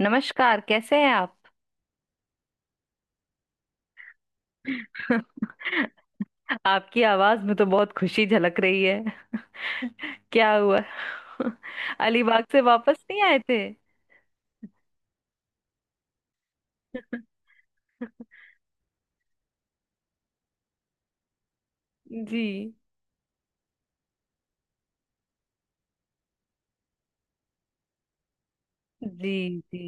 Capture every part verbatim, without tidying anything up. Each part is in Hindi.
नमस्कार कैसे हैं आप। आपकी आवाज में तो बहुत खुशी झलक रही है। क्या हुआ? अलीबाग से वापस नहीं आए थे? जी जी जी।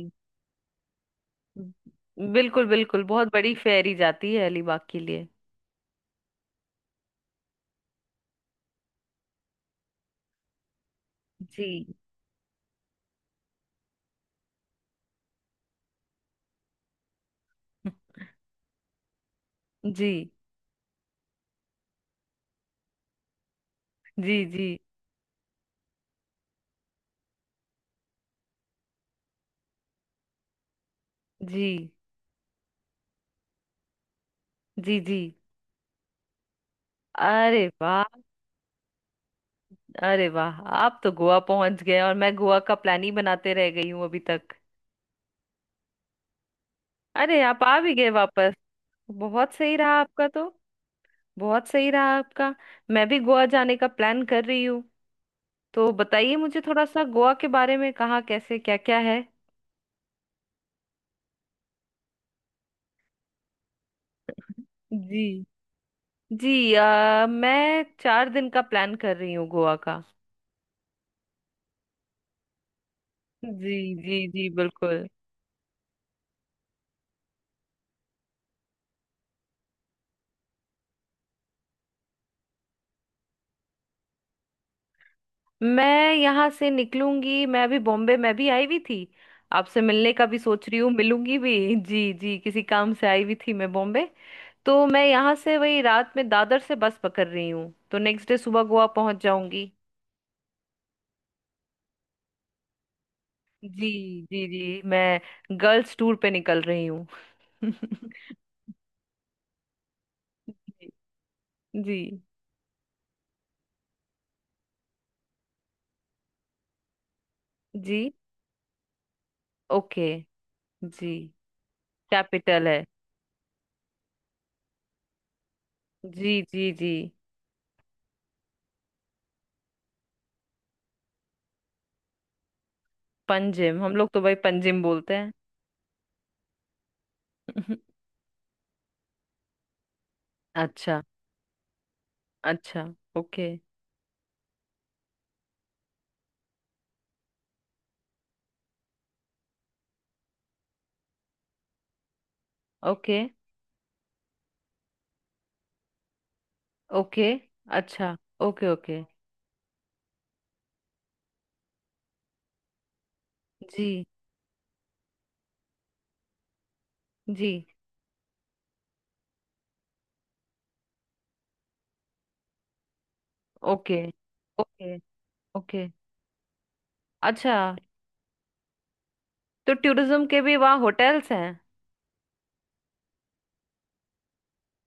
बिल्कुल बिल्कुल बहुत बड़ी फेरी जाती है अलीबाग के लिए। जी जी जी जी जी जी जी। अरे वाह। अरे वाह, आप तो गोवा पहुंच गए और मैं गोवा का प्लान ही बनाते रह गई हूँ अभी तक। अरे, आप आ भी गए वापस? बहुत सही रहा आपका तो। बहुत सही रहा आपका। मैं भी गोवा जाने का प्लान कर रही हूँ। तो बताइए मुझे थोड़ा सा गोवा के बारे में, कहाँ कैसे क्या क्या है। जी जी। आ, मैं चार दिन का प्लान कर रही हूँ गोवा का। जी जी जी बिल्कुल। मैं यहाँ से निकलूंगी, मैं अभी बॉम्बे मैं भी आई हुई थी। आपसे मिलने का भी सोच रही हूँ, मिलूंगी भी। जी जी, किसी काम से आई हुई थी मैं बॉम्बे। तो मैं यहाँ से वही रात में दादर से बस पकड़ रही हूँ, तो नेक्स्ट डे सुबह गोवा पहुंच जाऊंगी। जी जी जी। मैं गर्ल्स टूर पे निकल रही हूँ। जी जी। ओके। जी कैपिटल है। जी जी जी। पंजिम, हम लोग तो भाई पंजिम बोलते हैं। अच्छा अच्छा। Okay okay okay. अच्छा। Okay okay. जी जी। Okay okay okay. अच्छा। तो टूरिज्म के भी वहाँ होटल्स हैं?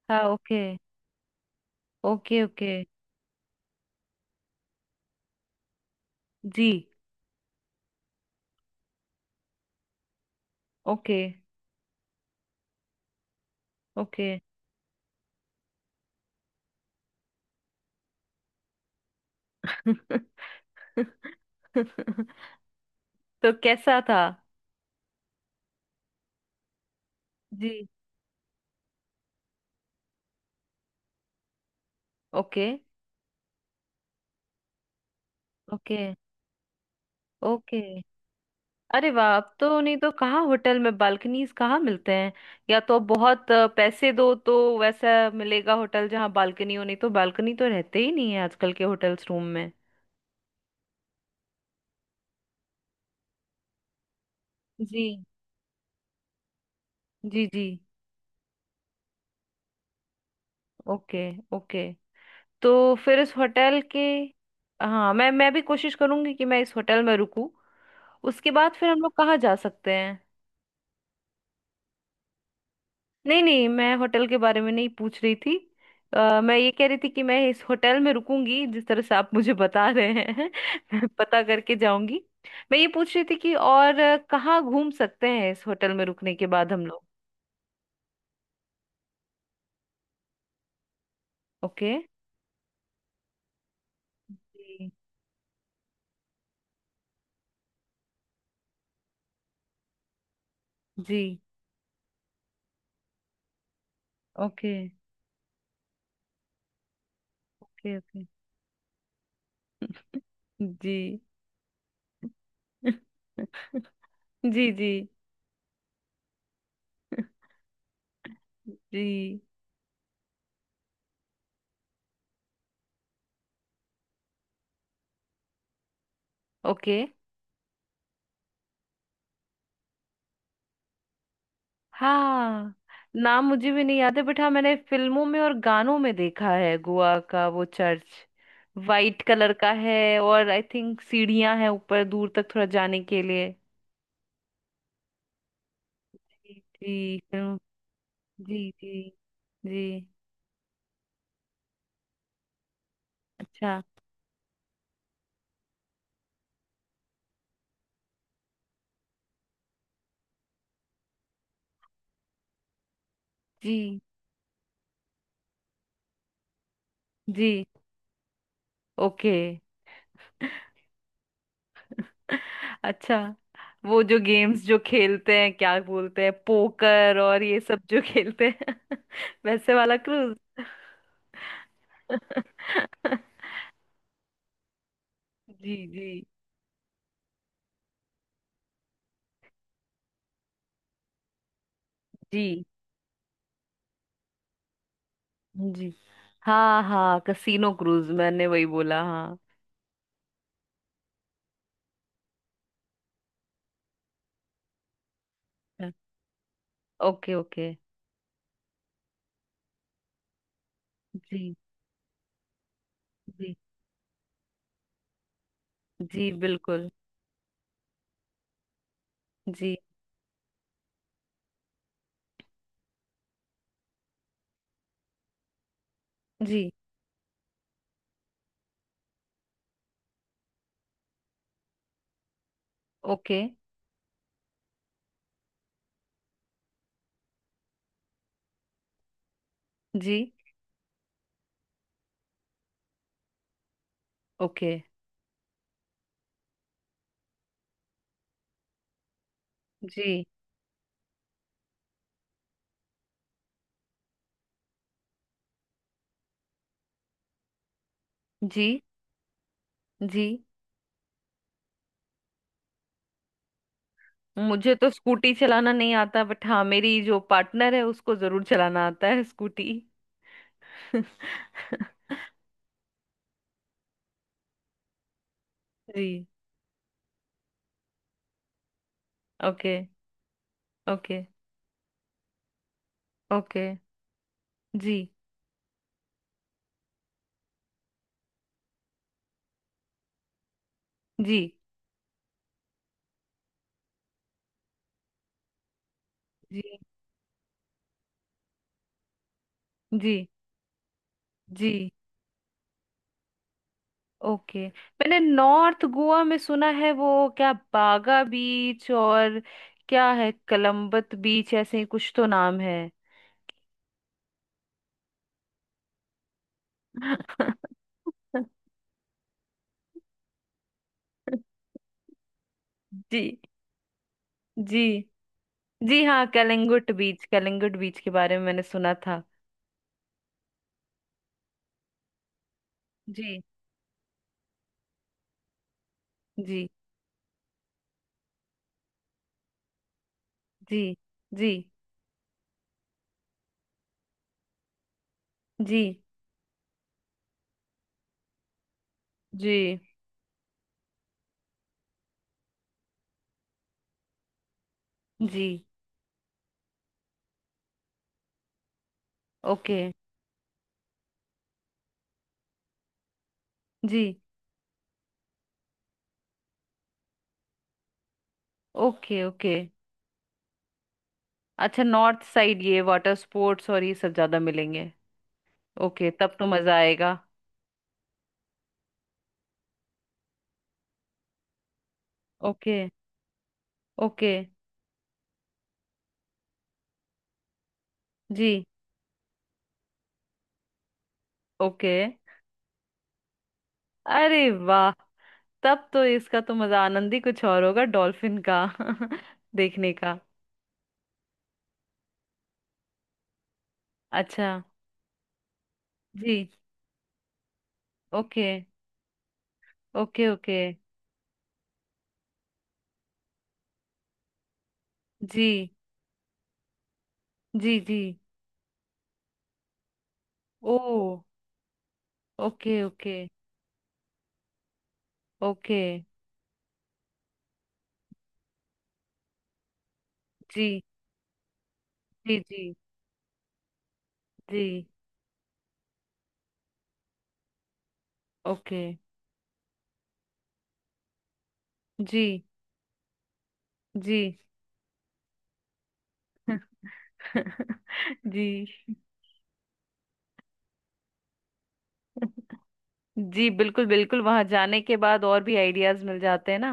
हाँ, ओके। Okay okay. जी। Okay okay. तो कैसा था? जी। Okay okay okay. अरे वाह, अब तो नहीं तो कहाँ होटल में बालकनीज कहाँ मिलते हैं? या तो बहुत अ, पैसे दो तो वैसा मिलेगा होटल जहाँ बालकनी हो, नहीं तो बालकनी तो रहते ही नहीं है आजकल के होटल्स रूम में। जी जी जी। Okay okay. तो फिर इस होटल के, हाँ मैं मैं भी कोशिश करूंगी कि मैं इस होटल में रुकूं। उसके बाद फिर हम लोग कहाँ जा सकते हैं? नहीं नहीं, मैं होटल के बारे में नहीं पूछ रही थी। अ, मैं ये कह रही थी कि मैं इस होटल में रुकूंगी जिस तरह से आप मुझे बता रहे हैं। मैं पता करके जाऊंगी। मैं ये पूछ रही थी कि और अ, कहाँ घूम सकते हैं इस होटल में रुकने के बाद हम लोग। ओके। जी जी। Okay okay okay. जी। जी जी। जी। ओके। हाँ, नाम मुझे भी नहीं याद है बट हाँ, मैंने फिल्मों में और गानों में देखा है गोवा का वो चर्च। वाइट कलर का है और आई थिंक सीढ़ियां हैं ऊपर दूर तक थोड़ा जाने के लिए। जी जी फिल्म। जी जी जी। अच्छा। जी जी। ओके। अच्छा, वो जो गेम्स जो खेलते हैं क्या बोलते हैं पोकर और ये सब जो खेलते हैं, वैसे वाला क्रूज? जी जी। जी जी। हाँ हाँ, कसीनो क्रूज मैंने वही बोला हाँ। Okay okay. जी जी जी बिल्कुल। जी जी। ओके। जी। ओके। जी जी जी। मुझे तो स्कूटी चलाना नहीं आता बट हाँ, मेरी जो पार्टनर है उसको जरूर चलाना आता है स्कूटी। जी। Okay okay okay. जी। जी जी जी। जी। ओके। मैंने नॉर्थ गोवा में सुना है वो क्या, बागा बीच और क्या है कलम्बत बीच, ऐसे ही कुछ तो नाम है। जी। जी जी, हाँ कलिंगुट बीच, कलिंगुट बीच के बारे में मैंने सुना था। जी जी। जी जी जी जी। जी। ओके। जी। Okay okay. अच्छा, नॉर्थ साइड ये वाटर स्पोर्ट्स और ये सब ज्यादा मिलेंगे? ओके, तब तो मजा आएगा। Okay okay. जी। ओके। अरे वाह, तब तो इसका तो मजा आनंद ही कुछ और होगा डॉल्फिन का देखने का। अच्छा। जी। Okay okay okay. जी जी। जी। ओ। Okay okay okay. जी जी जी। जी। ओके। जी। जी। जी। जी बिल्कुल बिल्कुल, वहां जाने के बाद और भी आइडियाज मिल जाते हैं ना।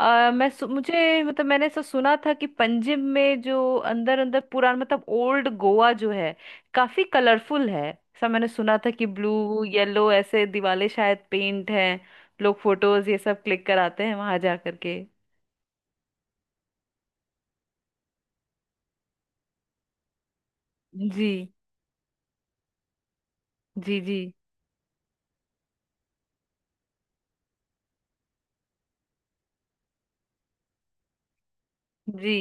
अ, मैं सु, मुझे मतलब मैंने ऐसा सुना था कि पंजिम में जो अंदर अंदर पुराना मतलब ओल्ड गोवा जो है काफी कलरफुल है, ऐसा मैंने सुना था कि ब्लू येलो ऐसे दिवाले शायद पेंट हैं। लोग फोटोज ये सब क्लिक कराते हैं वहां जा करके। जी जी जी जी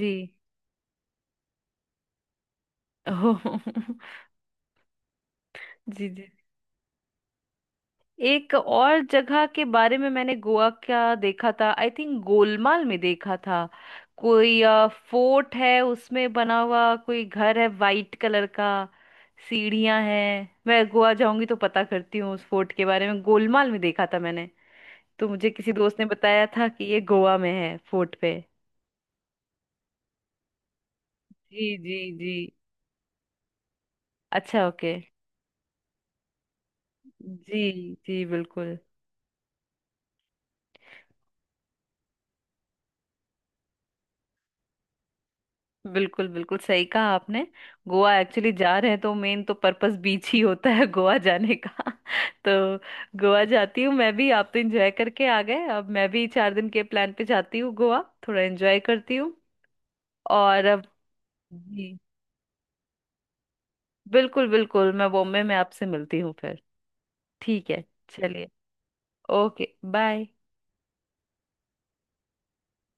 जी। जी जी। एक और जगह के बारे में मैंने गोवा का देखा था, आई थिंक गोलमाल में देखा था। कोई फोर्ट है उसमें बना हुआ, कोई घर है वाइट कलर का। सीढ़ियां हैं, मैं गोवा जाऊंगी तो पता करती हूँ उस फोर्ट के बारे में, गोलमाल में देखा था मैंने। तो मुझे किसी दोस्त ने बताया था कि ये गोवा में है फोर्ट पे। जी जी जी। अच्छा, ओके। जी जी बिल्कुल। बिल्कुल बिल्कुल सही कहा आपने। गोवा एक्चुअली जा रहे हैं तो मेन तो पर्पस बीच ही होता है गोवा जाने का। तो गोवा जाती हूँ मैं भी, आप तो एंजॉय करके आ गए, अब मैं भी चार दिन के प्लान पे जाती हूँ गोवा। थोड़ा एंजॉय करती हूँ। और अब। जी बिल्कुल बिल्कुल, मैं बॉम्बे में आपसे मिलती हूँ फिर। ठीक है। चलिए। Okay bye.